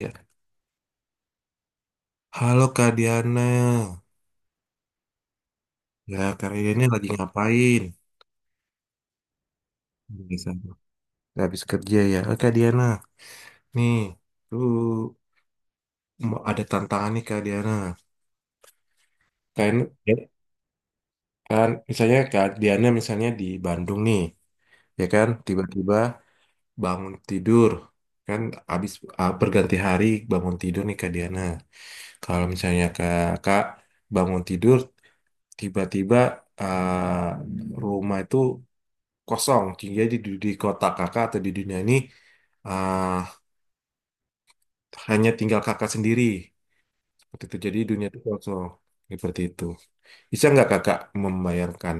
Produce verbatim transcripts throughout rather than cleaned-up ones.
Ya. Halo Kak Diana, ya Kak Diana lagi ngapain? Biasa. Habis kerja ya. Eh, Kak Diana, nih, tuh mau ada tantangan nih Kak Diana. Kan, ya, kan, misalnya Kak Diana misalnya di Bandung nih, ya kan, tiba-tiba bangun tidur, kan habis ah, berganti hari bangun tidur nih Kak Diana. Kalau misalnya Kak, Kak bangun tidur, tiba-tiba ah, rumah itu kosong. Jadi di, di kota kakak atau di dunia ini ah, hanya tinggal kakak sendiri. Seperti itu. Jadi dunia itu kosong. Seperti itu. Bisa nggak kakak membayangkan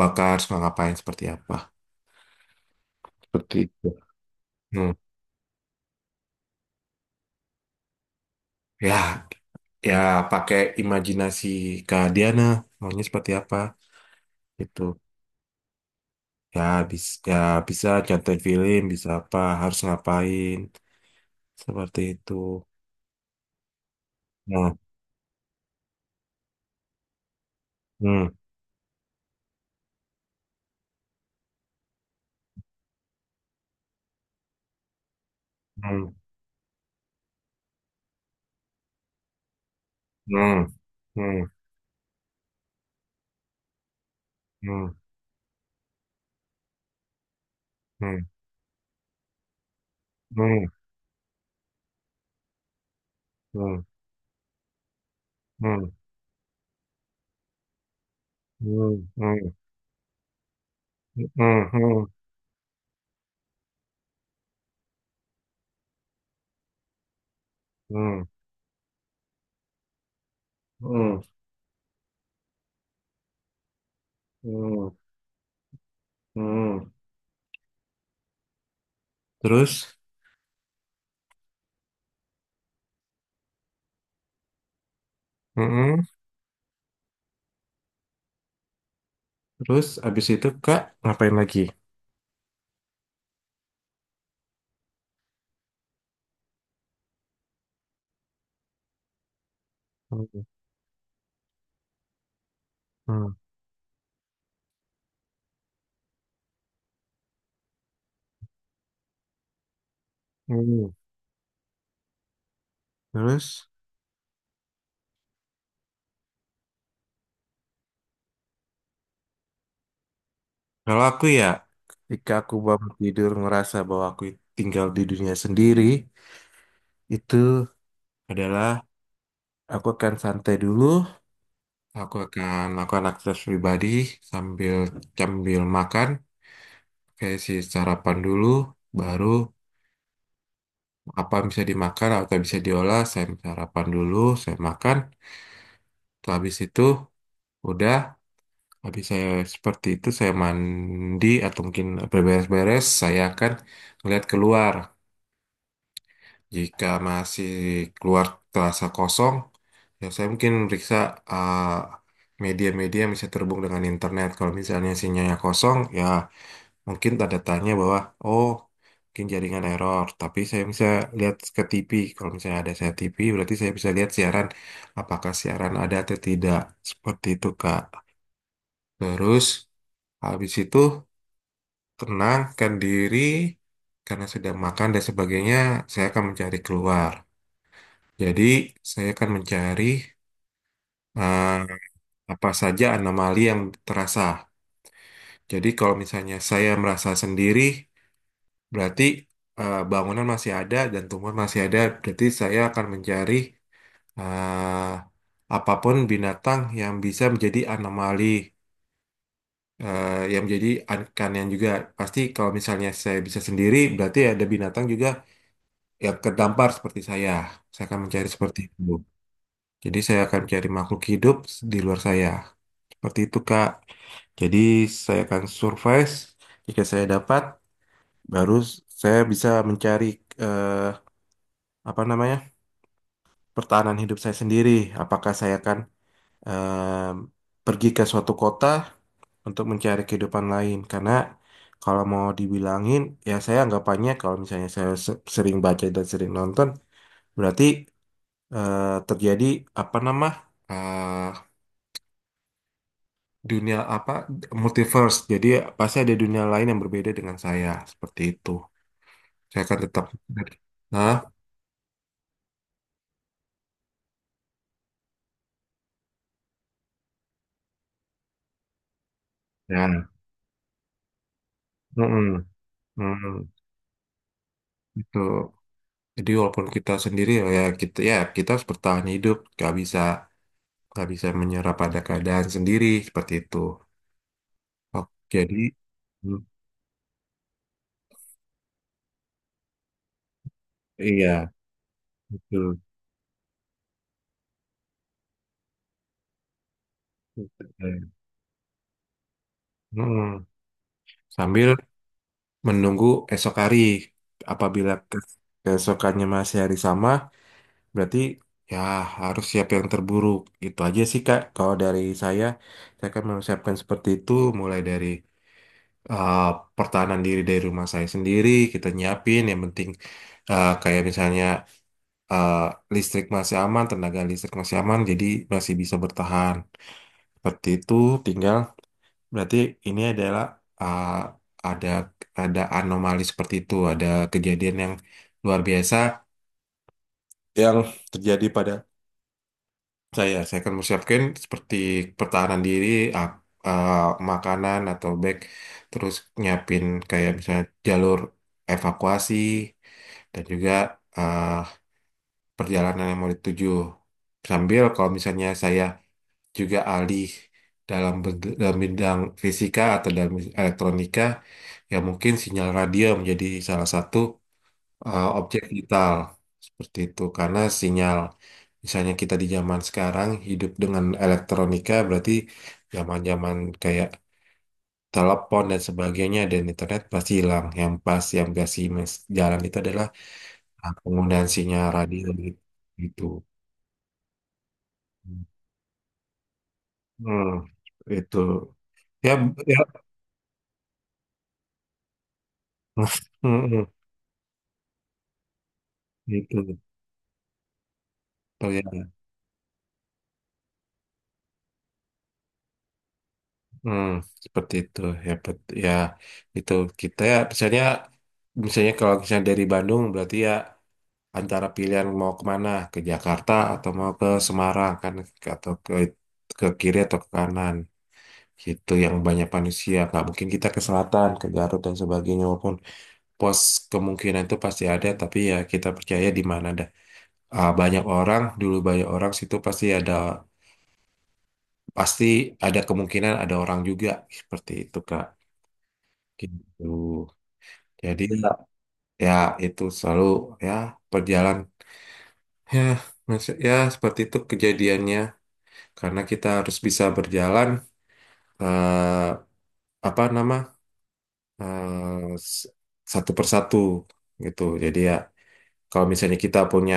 bakal harus ngapain seperti apa? Seperti itu. Hmm. Ya, ya pakai imajinasi Kak Diana. Maunya seperti apa? Itu. Ya, bisa, ya, bisa contohin film, bisa apa, harus ngapain. Seperti itu. Nah, hmm, hmm, hmm, hmm, hmm, hmm, hmm. うん、うん、うん、うん、うん、うん, mm, mm, mm. Terus, mm, terus abis itu Kak ngapain lagi? Mm, mm, mm. Terus, kalau aku ya, ketika aku bangun tidur ngerasa bahwa aku tinggal di dunia sendiri, itu adalah aku akan santai dulu, aku akan melakukan aktivitas pribadi sambil sambil makan, kayak si sarapan dulu, baru. Apa bisa dimakan atau bisa diolah saya sarapan dulu, saya makan. Terus habis itu udah, habis saya seperti itu, saya mandi atau mungkin berberes-beres, saya akan melihat keluar jika masih keluar terasa kosong, ya saya mungkin meriksa eh, media-media yang bisa terhubung dengan internet. Kalau misalnya sinyalnya kosong ya mungkin tanda tanya bahwa oh mungkin jaringan error, tapi saya bisa lihat ke T V. Kalau misalnya ada saya T V berarti saya bisa lihat siaran, apakah siaran ada atau tidak, seperti itu Kak. Terus habis itu tenangkan diri karena sudah makan dan sebagainya, saya akan mencari keluar. Jadi saya akan mencari eh, apa saja anomali yang terasa. Jadi kalau misalnya saya merasa sendiri, berarti eh, bangunan masih ada dan tumbuhan masih ada. Berarti saya akan mencari eh, apapun binatang yang bisa menjadi anomali, eh, yang menjadi yang juga. Pasti kalau misalnya saya bisa sendiri, berarti ada binatang juga yang kedampar seperti saya. Saya akan mencari seperti itu. Jadi saya akan mencari makhluk hidup di luar saya. Seperti itu, Kak. Jadi saya akan survive. Jika saya dapat, baru saya bisa mencari eh, apa namanya? Pertahanan hidup saya sendiri. Apakah saya akan em, pergi ke suatu kota untuk mencari kehidupan lain? Karena kalau mau dibilangin, ya saya anggapannya kalau misalnya saya se- sering baca dan sering nonton, berarti eh, terjadi apa nama eh, dunia apa, multiverse. Jadi pasti ada dunia lain yang berbeda dengan saya, seperti itu. Saya akan tetap, nah, ya, mm-mm. Hmm, itu. Jadi walaupun kita sendiri ya ya kita ya kita harus bertahan hidup, nggak bisa, nggak bisa menyerah pada keadaan sendiri, seperti itu. Oke, jadi hmm, iya betul. Hmm, sambil menunggu esok hari, apabila ke- keesokannya masih hari sama, berarti ya harus siap yang terburuk. Itu aja sih Kak. Kalau dari saya, saya akan mempersiapkan seperti itu, mulai dari eh, pertahanan diri dari rumah saya sendiri. Kita nyiapin yang penting, eh, kayak misalnya eh, listrik masih aman, tenaga listrik masih aman, jadi masih bisa bertahan seperti itu. Tinggal berarti ini adalah eh, ada ada anomali seperti itu, ada kejadian yang luar biasa yang terjadi pada saya. Saya akan mempersiapkan seperti pertahanan diri, ak- eh, makanan atau bag, terus nyiapin kayak misalnya jalur evakuasi dan juga eh, perjalanan yang mau dituju. Sambil kalau misalnya saya juga alih dalam, bed- dalam bidang fisika atau dalam elektronika, ya mungkin sinyal radio menjadi salah satu eh, objek vital seperti itu, karena sinyal. Misalnya kita di zaman sekarang hidup dengan elektronika, berarti zaman-zaman kayak telepon dan sebagainya dan internet pasti hilang. Yang pas yang kasih mes- jalan itu adalah ah, penggunaan sinyal radio, gitu. Gitu. Hmm, itu ya ya hmm, hmm, gitu. Betul ya. Hmm, seperti itu ya bet- ya itu kita ya misalnya, misalnya kalau misalnya dari Bandung berarti ya antara pilihan mau kemana, ke Jakarta atau mau ke Semarang, kan ke- atau ke ke kiri atau ke kanan, gitu yang banyak manusia. Nggak mungkin kita ke selatan, ke Garut dan sebagainya, walaupun pos kemungkinan itu pasti ada, tapi ya kita percaya di mana ada ah, banyak orang dulu, banyak orang situ pasti ada, pasti ada kemungkinan ada orang juga, seperti itu Kak. Gitu, jadi ya itu selalu ya perjalanan ya maksud ya seperti itu kejadiannya, karena kita harus bisa berjalan eh, apa nama eh, s- satu persatu, gitu. Jadi ya kalau misalnya kita punya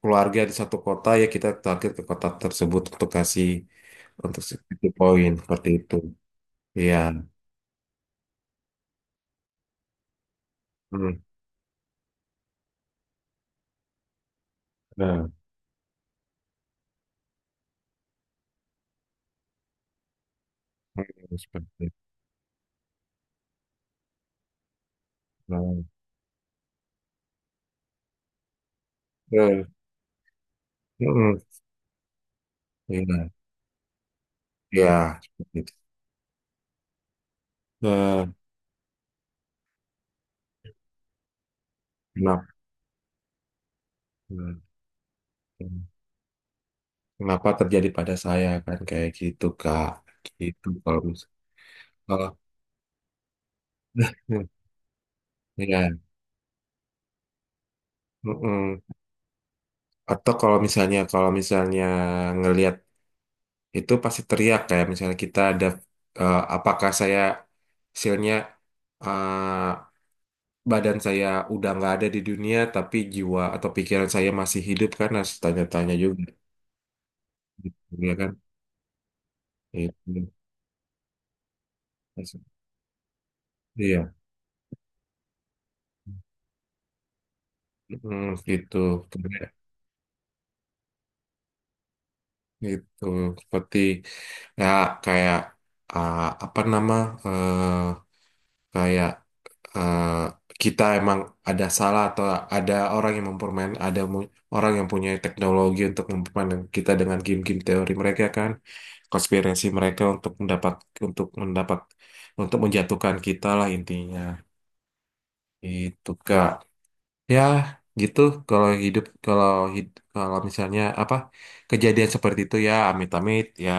keluarga di satu kota, ya kita target ke kota tersebut untuk kasih, untuk satu poin seperti itu. Iya. Hmm. Nah, hmm, seperti itu. Nah, eh, hmm, iya, iya, seperti itu. Eh, kenapa, kenapa terjadi pada saya kan kayak gitu Kak. Gitu kalau misalnya. Iya. Mm-mm. Atau kalau misalnya, kalau misalnya ngelihat itu pasti teriak, kayak misalnya kita ada eh, apakah saya hasilnya eh, badan saya udah nggak ada di dunia tapi jiwa atau pikiran saya masih hidup, kan harus tanya-tanya juga, ya kan, itu, iya. Mm, gitu itu seperti ya kayak eh, apa nama eh, kayak eh, kita emang ada salah atau ada orang yang mempermain, ada mu- orang yang punya teknologi untuk mempermainkan kita dengan game-game teori mereka kan, konspirasi mereka untuk mendapat untuk mendapat untuk menjatuhkan kita lah intinya, itu Kak. Ya gitu, kalau hidup, kalau hid- kalau misalnya apa kejadian seperti itu, ya amit-amit ya,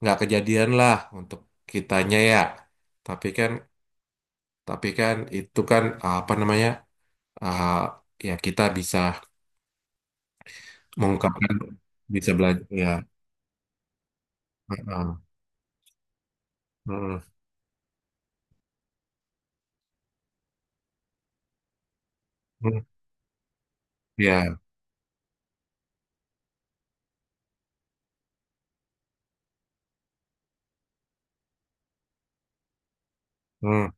nggak kejadian lah untuk kitanya ya, tapi kan. Tapi kan itu kan uh, apa namanya? uh, ya kita bisa mengungkapkan, bisa belajar ya. Heeh. Heeh. Heeh. Ya. Heeh.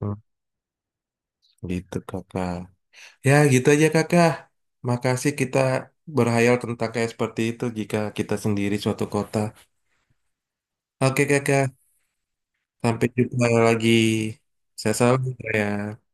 Heeh. Gitu kakak. Ya gitu aja kakak. Makasih kita berhayal tentang kayak seperti itu jika kita sendiri suatu kota. Oke kakak, sampai jumpa lagi. Saya selalu ya.